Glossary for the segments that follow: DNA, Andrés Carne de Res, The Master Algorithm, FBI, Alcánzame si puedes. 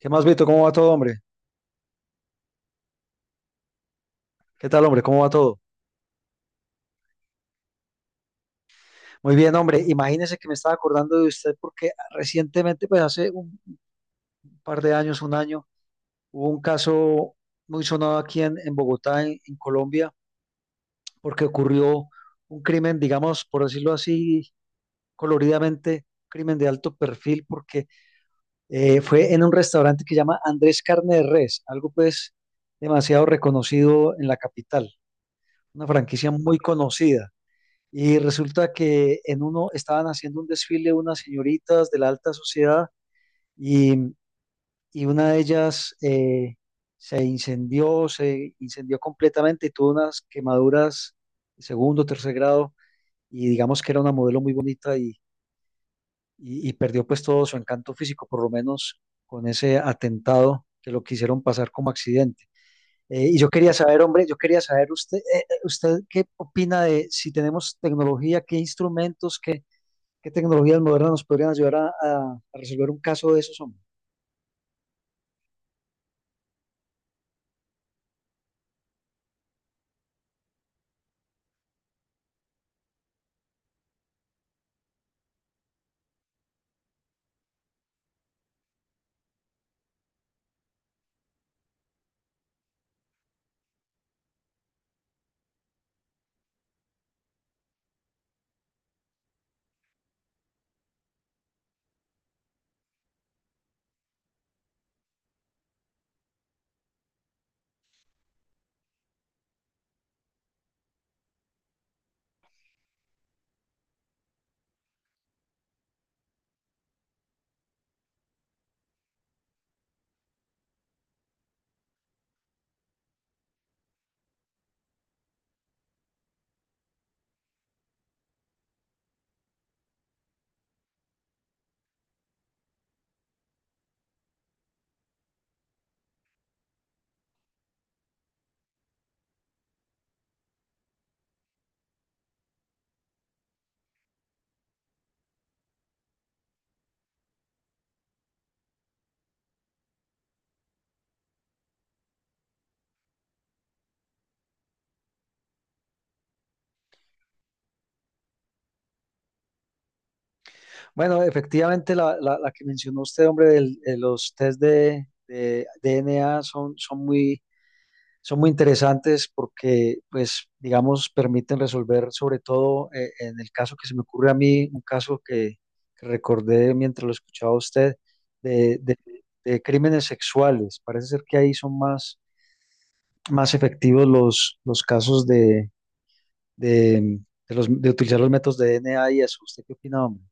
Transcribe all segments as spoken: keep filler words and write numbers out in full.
¿Qué más, Vito? ¿Cómo va todo, hombre? ¿Qué tal, hombre? ¿Cómo va todo? Muy bien, hombre. Imagínese que me estaba acordando de usted porque recientemente, pues hace un par de años, un año, hubo un caso muy sonado aquí en, en Bogotá, en, en Colombia, porque ocurrió un crimen, digamos, por decirlo así, coloridamente, crimen de alto perfil, porque eh, fue en un restaurante que llama Andrés Carne de Res, algo pues demasiado reconocido en la capital, una franquicia muy conocida. Y resulta que en uno estaban haciendo un desfile unas señoritas de la alta sociedad y, y una de ellas eh, se incendió, se incendió completamente y tuvo unas quemaduras de segundo, tercer grado y digamos que era una modelo muy bonita y, y- y perdió pues todo su encanto físico, por lo menos con ese atentado que lo quisieron pasar como accidente. Eh, y yo quería saber, hombre, yo quería saber usted, eh, eh, usted qué opina de si tenemos tecnología, qué instrumentos, qué, ¿qué tecnologías modernas nos podrían ayudar a, a- a resolver un caso de esos, hombre? Bueno, efectivamente, la, la- la que mencionó usted, hombre, del- de los test de, de D N A son, son muy, son muy interesantes porque, pues, digamos, permiten resolver, sobre todo eh, en el caso que se me ocurre a mí, un caso que, que recordé mientras lo escuchaba a usted, de, de- de crímenes sexuales. Parece ser que ahí son más, más efectivos los, los casos de de, de los, de utilizar los métodos de D N A y eso. ¿Usted qué opina, hombre?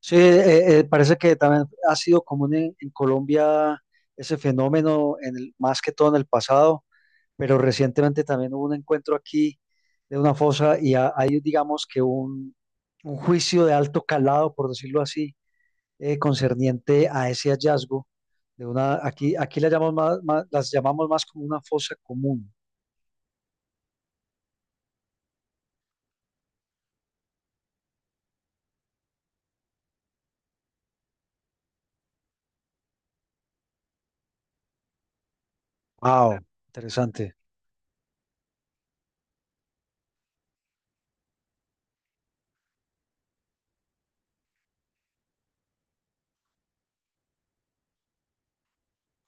Sí, eh, eh, parece que también ha sido común en, en Colombia ese fenómeno, en el- más que todo en el pasado, pero recientemente también hubo un encuentro aquí de una fosa y ha- hay, digamos que un, un juicio de alto calado, por decirlo así, eh, concerniente a ese hallazgo de una, aquí, aquí la llamamos más- más- las llamamos más como una fosa común. Wow, interesante.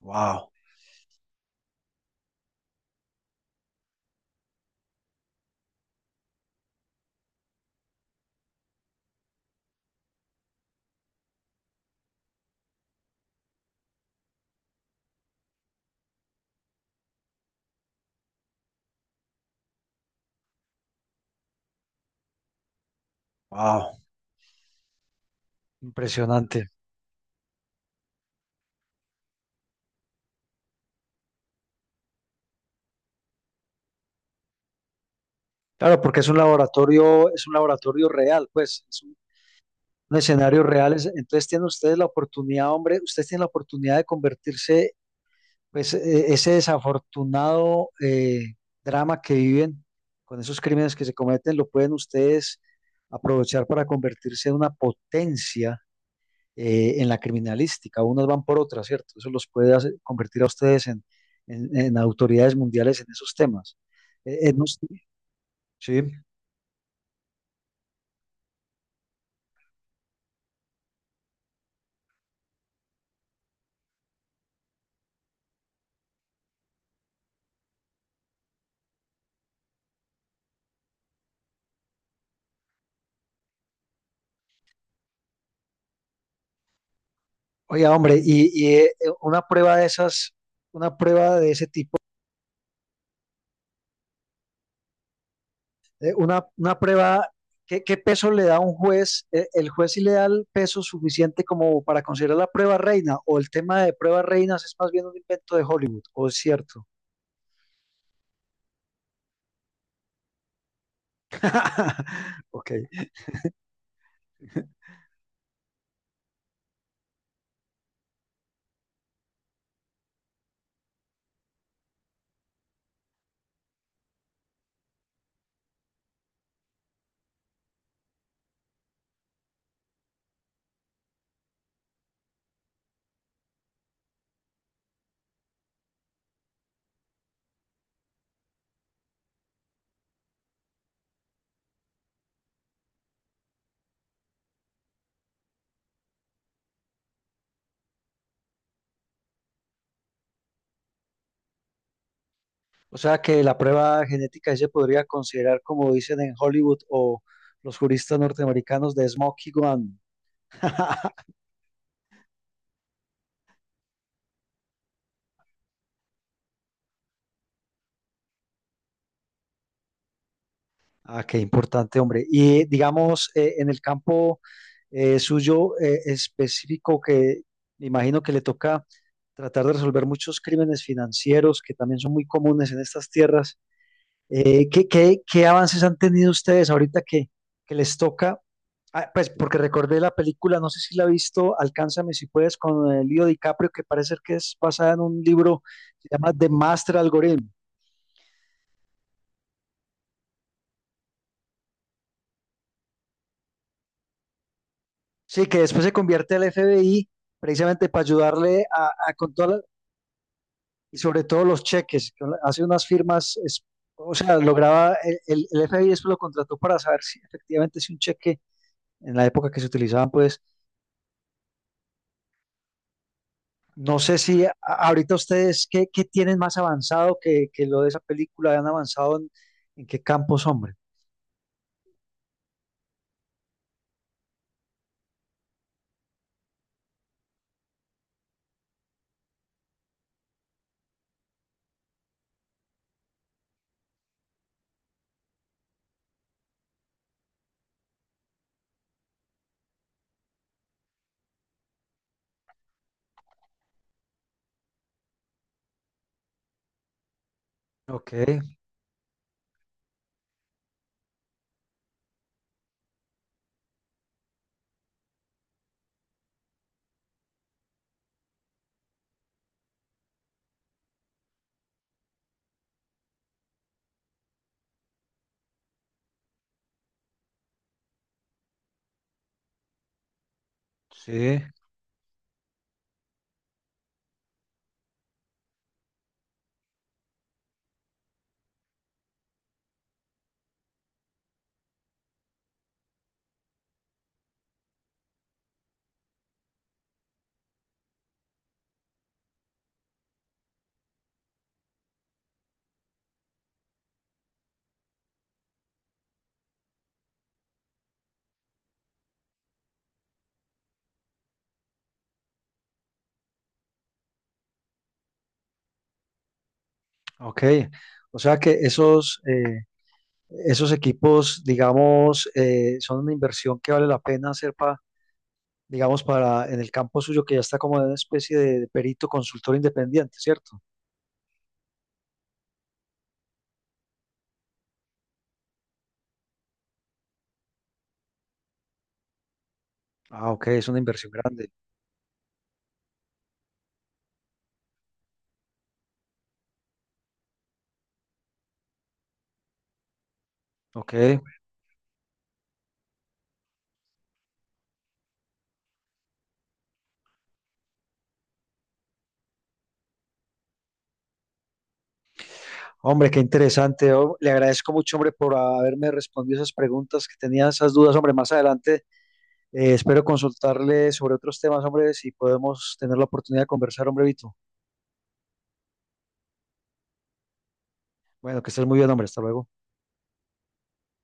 Wow, wow. Impresionante. Claro, porque es un laboratorio, es un laboratorio real, pues, es un, un escenario real. Es- entonces tienen ustedes la oportunidad, hombre, ustedes tienen la oportunidad de convertirse, pues, e- ese desafortunado eh, drama que viven con esos crímenes que se cometen, lo pueden ustedes aprovechar para convertirse en una potencia eh, en la criminalística. Unas van por otras, ¿cierto? Eso los puede hacer- convertir a ustedes en, en- en autoridades mundiales en esos temas. Eh, eh, no- sé. Sí. Oiga, hombre, y, y, eh, una prueba de esas, una prueba de ese tipo, eh, una, una prueba, ¿qué, qué peso le da un juez? Eh, ¿El juez sí le da el peso suficiente como para considerar la prueba reina? ¿O el tema de pruebas reinas es más bien un invento de Hollywood? ¿O es cierto? Ok. O sea que la prueba genética sí se podría considerar, como dicen en Hollywood o los juristas norteamericanos, de Smoky Gun. Ah, qué importante, hombre. Y digamos, eh, en el campo eh, suyo eh, específico, que me imagino que le toca tratar de resolver muchos crímenes financieros que también son muy comunes en estas tierras, eh, ¿qué, qué- qué avances han tenido ustedes ahorita que, que les toca? Ah, pues porque recordé la película, no sé si la ha visto, Alcánzame si puedes, con el Leo DiCaprio, que parece ser que es basada en un libro, se llama The Master Algorithm. Sí, que después se convierte al F B I precisamente para ayudarle a, a con todas la- y sobre todo los cheques, que hace unas firmas, es- o sea, lograba, el, el- el F B I después lo contrató para saber si efectivamente si un cheque en la época que se utilizaban, pues, no sé si a- ahorita ustedes, ¿qué, qué tienen más avanzado que, que lo de esa película? ¿Han avanzado en, en qué campos, hombre? Ok, sí, ok. O sea que esos eh, esos equipos, digamos, eh, son una inversión que vale la pena hacer para, digamos, para en el campo suyo que ya está como en una especie de, de perito consultor independiente, ¿cierto? Ah, ok, es una inversión grande. Ok, hombre, qué interesante. Oh, le agradezco mucho, hombre, por haberme respondido esas preguntas que tenía, esas dudas, hombre. Más adelante eh, espero consultarle sobre otros temas, hombre, si podemos tener la oportunidad de conversar, hombre, Vito. Bueno, que estés muy bien, hombre. Hasta luego.